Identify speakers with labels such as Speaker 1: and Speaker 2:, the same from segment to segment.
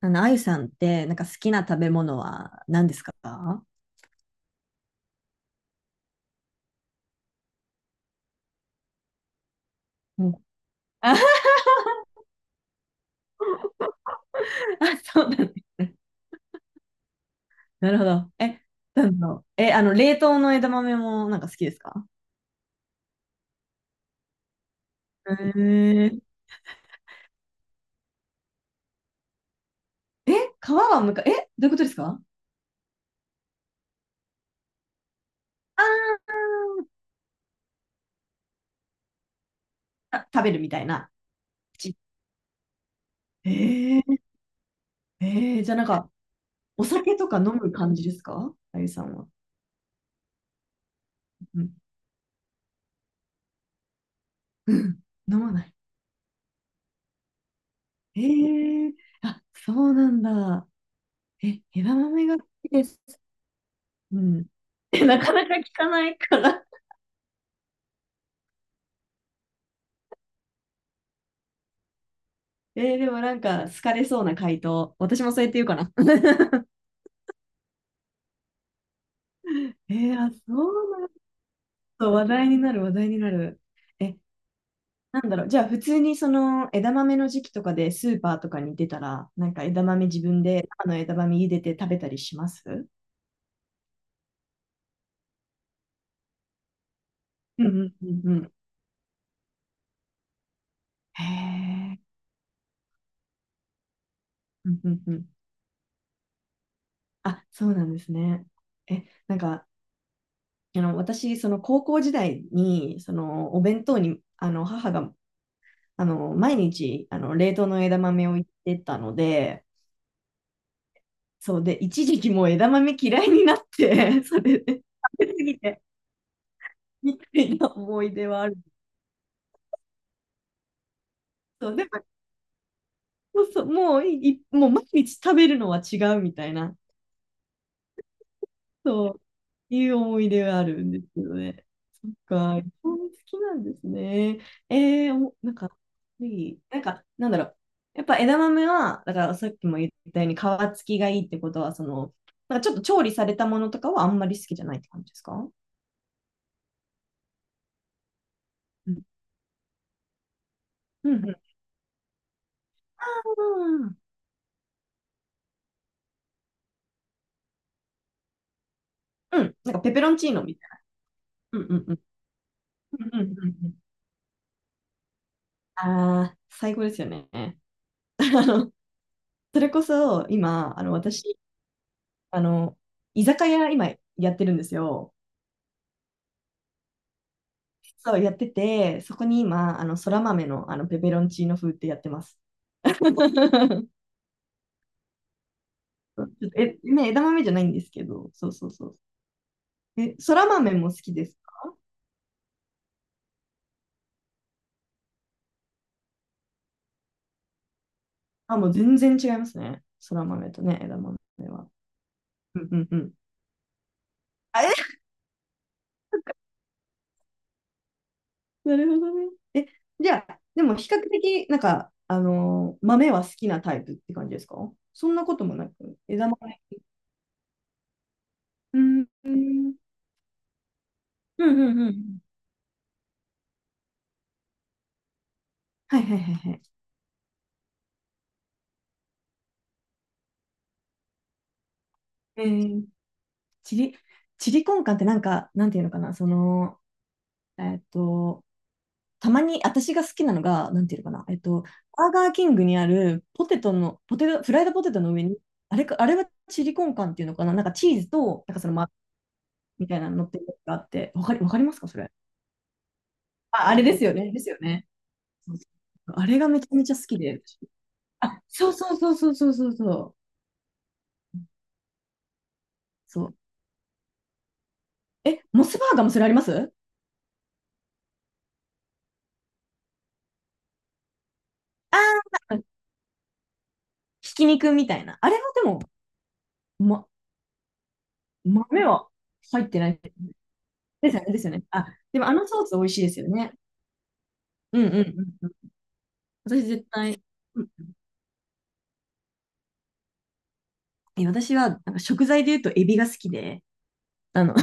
Speaker 1: あゆさんって、なんか好きな食べ物は何ですか？うん。あ、あそうなんだね。なるほど。なんだろう。え、あの、冷凍の枝豆もなんか好きですか？へえ。皮はむか、え、どういうことですか？あー食べるみたいな。口。へえ。じゃあなんか、お酒とか飲む感じですか、あゆさんは？うん。うん。飲まない。へえー。あ、そうなんだ。枝豆が好きです。うん。なかなか聞かないから。でもなんか好かれそうな回答。私もそうやって言うかな。あ、そうなると話題になる、話題になる。え、なんだろう。じゃあ普通にその枝豆の時期とかでスーパーとかに出たら、なんか枝豆自分で生の枝豆茹でて食べたりします？うんうんうんうん。へえ。うんうんうん。あ、そうなんですね。なんか、私、その高校時代に、そのお弁当に、母が、毎日、冷凍の枝豆を入れてたので、そうで、一時期もう枝豆嫌いになって、それで食べ過ぎて、みたいな思い出はある。そう、でも、そうそうもう毎日食べるのは違うみたいな、そういう思い出があるんですけどね。そっか、日本好きなんですね。なんか、なんか、なんだろう。やっぱ枝豆は、だからさっきも言ったように皮付きがいいってことは、その、なんかちょっと調理されたものとかはあんまり好きじゃないって感じですか？うんうん。うんうん、なんかペペロンチーノみたいな。うんうんうん。うんうんうんうん。ああ、最高ですよね。あの、それこそ今、私、あの、居酒屋今やってるんですよ。そう、やってて、そこに今、そら豆の、ペペロンチーノ風ってやってます。そうちょっとね、枝豆じゃないんですけど、そうそうそう。そら豆も好きですか？あ、もう全然違いますね。そら豆とね、枝豆は。うんうんうん。あ、なるほどね。じゃあ、でも比較的、なんか、豆は好きなタイプって感じですか？そんなこともなく、枝豆。うん、うん、うん、うんうん。はいはいはいはい。えー、チリ、チリコンカンってなんか、なんていうのかな、その、えっと、たまに私が好きなのが、なんていうのかな、バーガーキングにあるポテトの、ポテト、フライドポテトの上に、あれか、あれはチリコンカンっていうのかな、なんかチーズと、なんかその、みたいなの乗ってるやつがあって、わかりますか、それ？あ、あれですよね。ですよね。そうそうあれがめちゃめちゃ好きで。あ、そうそうそうそうそうそうそう。そう。モスバーガーもそれあります？あー、ひき肉みたいな。あれもでも、ま、豆は入ってない。ですよね、ですよね。あ、でもあのソース美味しいですよね。うんうんうんうん。私絶対、うん。私はなんか食材で言うとエビが好きで、あの、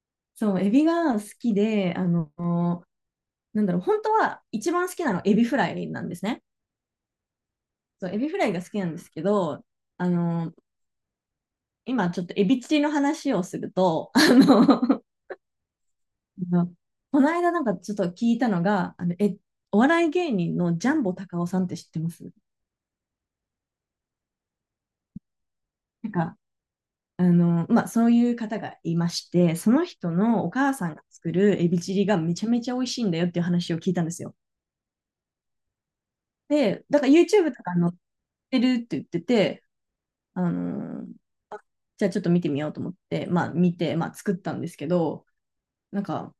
Speaker 1: そう、エビが好きで、なんだろう、本当は一番好きなのはエビフライなんですね。そう、エビフライが好きなんですけど、あの、今ちょっとエビチリの話をすると、この間なんかちょっと聞いたのが、お笑い芸人のジャンボたかおさんって知ってます？なんか、まあ、そういう方がいまして、その人のお母さんが作るエビチリがめちゃめちゃ美味しいんだよっていう話を聞いたんですよ。で、だから YouTube とか載ってるって言ってて、あの、じゃあちょっと見てみようと思って、まあ見て、まあ作ったんですけど、なんか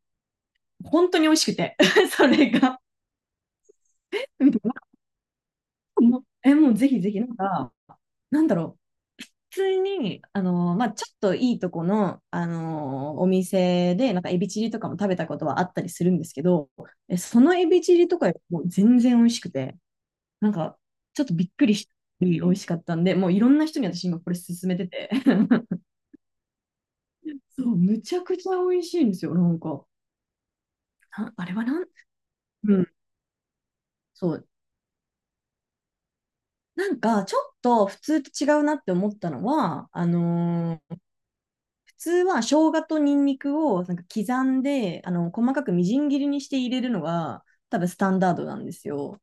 Speaker 1: 本当に美味しくて それが もうぜひぜひ、なんか、なんだろう。普通に、まあ、ちょっといいとこの、あのお店で、なんかエビチリとかも食べたことはあったりするんですけど、そのエビチリとかよりも全然美味しくて、なんか、ちょっとびっくりして美味しかったんで、もういろんな人に私今これ勧めてて そう、むちゃくちゃ美味しいんですよ、なんか。あれはなん、うん、そう、なんか、ちょっと普通と違うなって思ったのは、普通は生姜とニンニクをなんか刻んで、細かくみじん切りにして入れるのが、多分スタンダードなんですよ。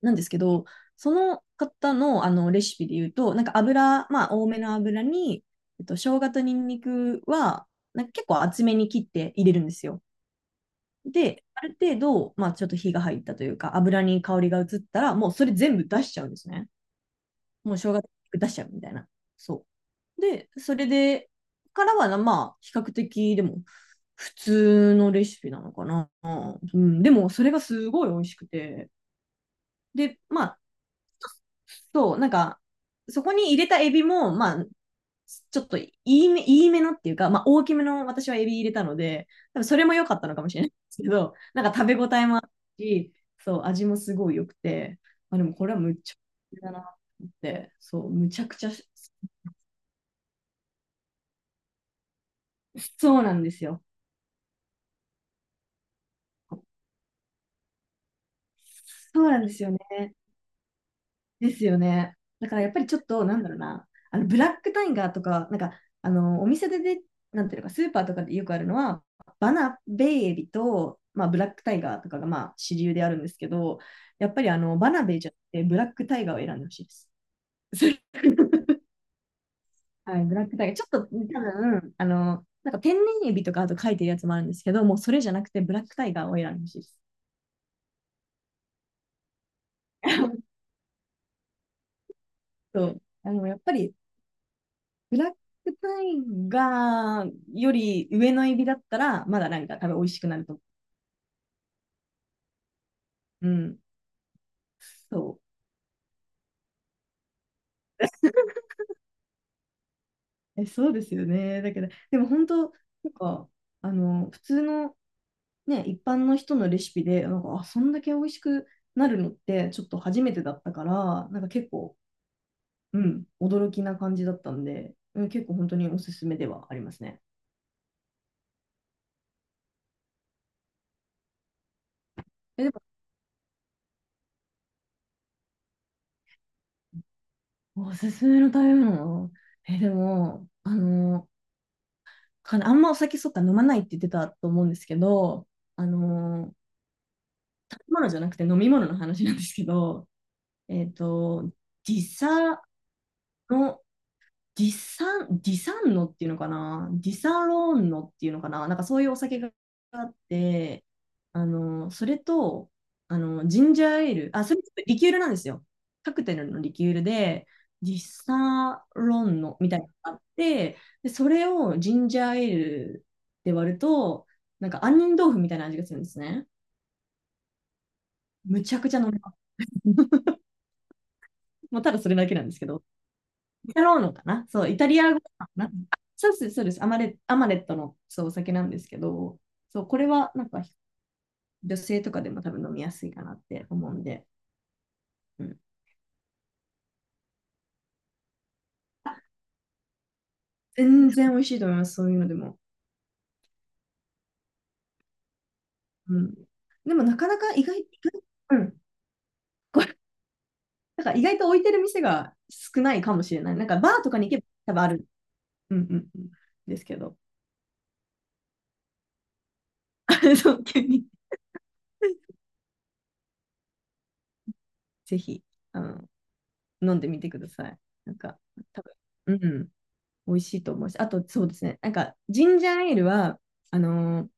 Speaker 1: なんですけど、その方の、あのレシピで言うと、なんか油、まあ、多めの油に、生姜とニンニクは、なんか結構厚めに切って入れるんですよ。で、ある程度、まあ、ちょっと火が入ったというか、油に香りが移ったら、もうそれ全部出しちゃうんですね。もう正月出しちゃうみたいな。そう。で、それで、からはな、まあ、比較的、でも、普通のレシピなのかな。うん、でも、それがすごい美味しくて。で、まあ、そう、なんか、そこに入れたエビも、まあ、ちょっといいめのっていうか、まあ、大きめの私はエビ入れたので、多分それも良かったのかもしれないですけど、なんか食べ応えもあるし、そう、味もすごい良くて、まあ、でもこれはむっちゃだなって、そう、むちゃくちゃ好そうなんですよ。そうなんですよね。ですよね。だからやっぱりちょっと、なんだろうな、あのブラックタイガーとか、なんか、お店で、なんていうのか、スーパーとかでよくあるのは、バナベイエビと、まあ、ブラックタイガーとかが、まあ、主流であるんですけど、やっぱりバナベイじゃなくて、ブラックタイガーを選んでほしいです。それはい、ブラックタイガー。ちょっと、多分、なんか天然エビとかあと書いてるやつもあるんですけど、もうそれじゃなくて、ブラックタイガーを選んでほしいです。そうやっぱりブラックタイガーより上のエビだったら、まだなんか多分美味しくなると思う。うん。そう。そうですよね。だけど、でも本当、なんか、普通のね、一般の人のレシピで、なんか、あ、そんだけ美味しくなるのって、ちょっと初めてだったから、なんか結構、うん、驚きな感じだったんで、うん、結構本当におすすめではありますね。でも、おすすめの食べ物。でも、かなあんまお酒そっか飲まないって言ってたと思うんですけど、あのー食べ物じゃなくて飲み物の話なんですけど、えっと、時差のディサンノっていうのかな、ディサロンノっていうのかな、なんかそういうお酒があって、それと、ジンジャーエール、あ、それちょっとリキュールなんですよ。カクテルのリキュールで、ディサロンノみたいなのがあって、で、それをジンジャーエールで割ると、なんか杏仁豆腐みたいな味がするんですね。むちゃくちゃ飲めます。もうただそれだけなんですけど。タローノかなそう、イタリア語かなあそうです、そうです。アマレットのそうお酒なんですけど、そう、これはなんか女性とかでも多分飲みやすいかなって思うんで、うん、全然美味しいと思います、そういうのでも。うん、でもなかなか意外。うん、これなんか意外と置いてる店が少ないかもしれない。なんかバーとかに行けば多分ある、うんうんうん、ですけど、そう急に ぜひあの飲んでみてください。なんか多分、うん、美味しいと思うし、あとそうですね、なんかジンジャーエールは、あのー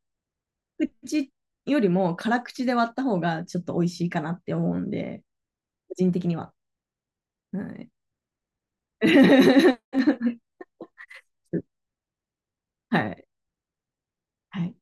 Speaker 1: 口よりも辛口で割った方がちょっと美味しいかなって思うんで、個人的には。はい。はい。はい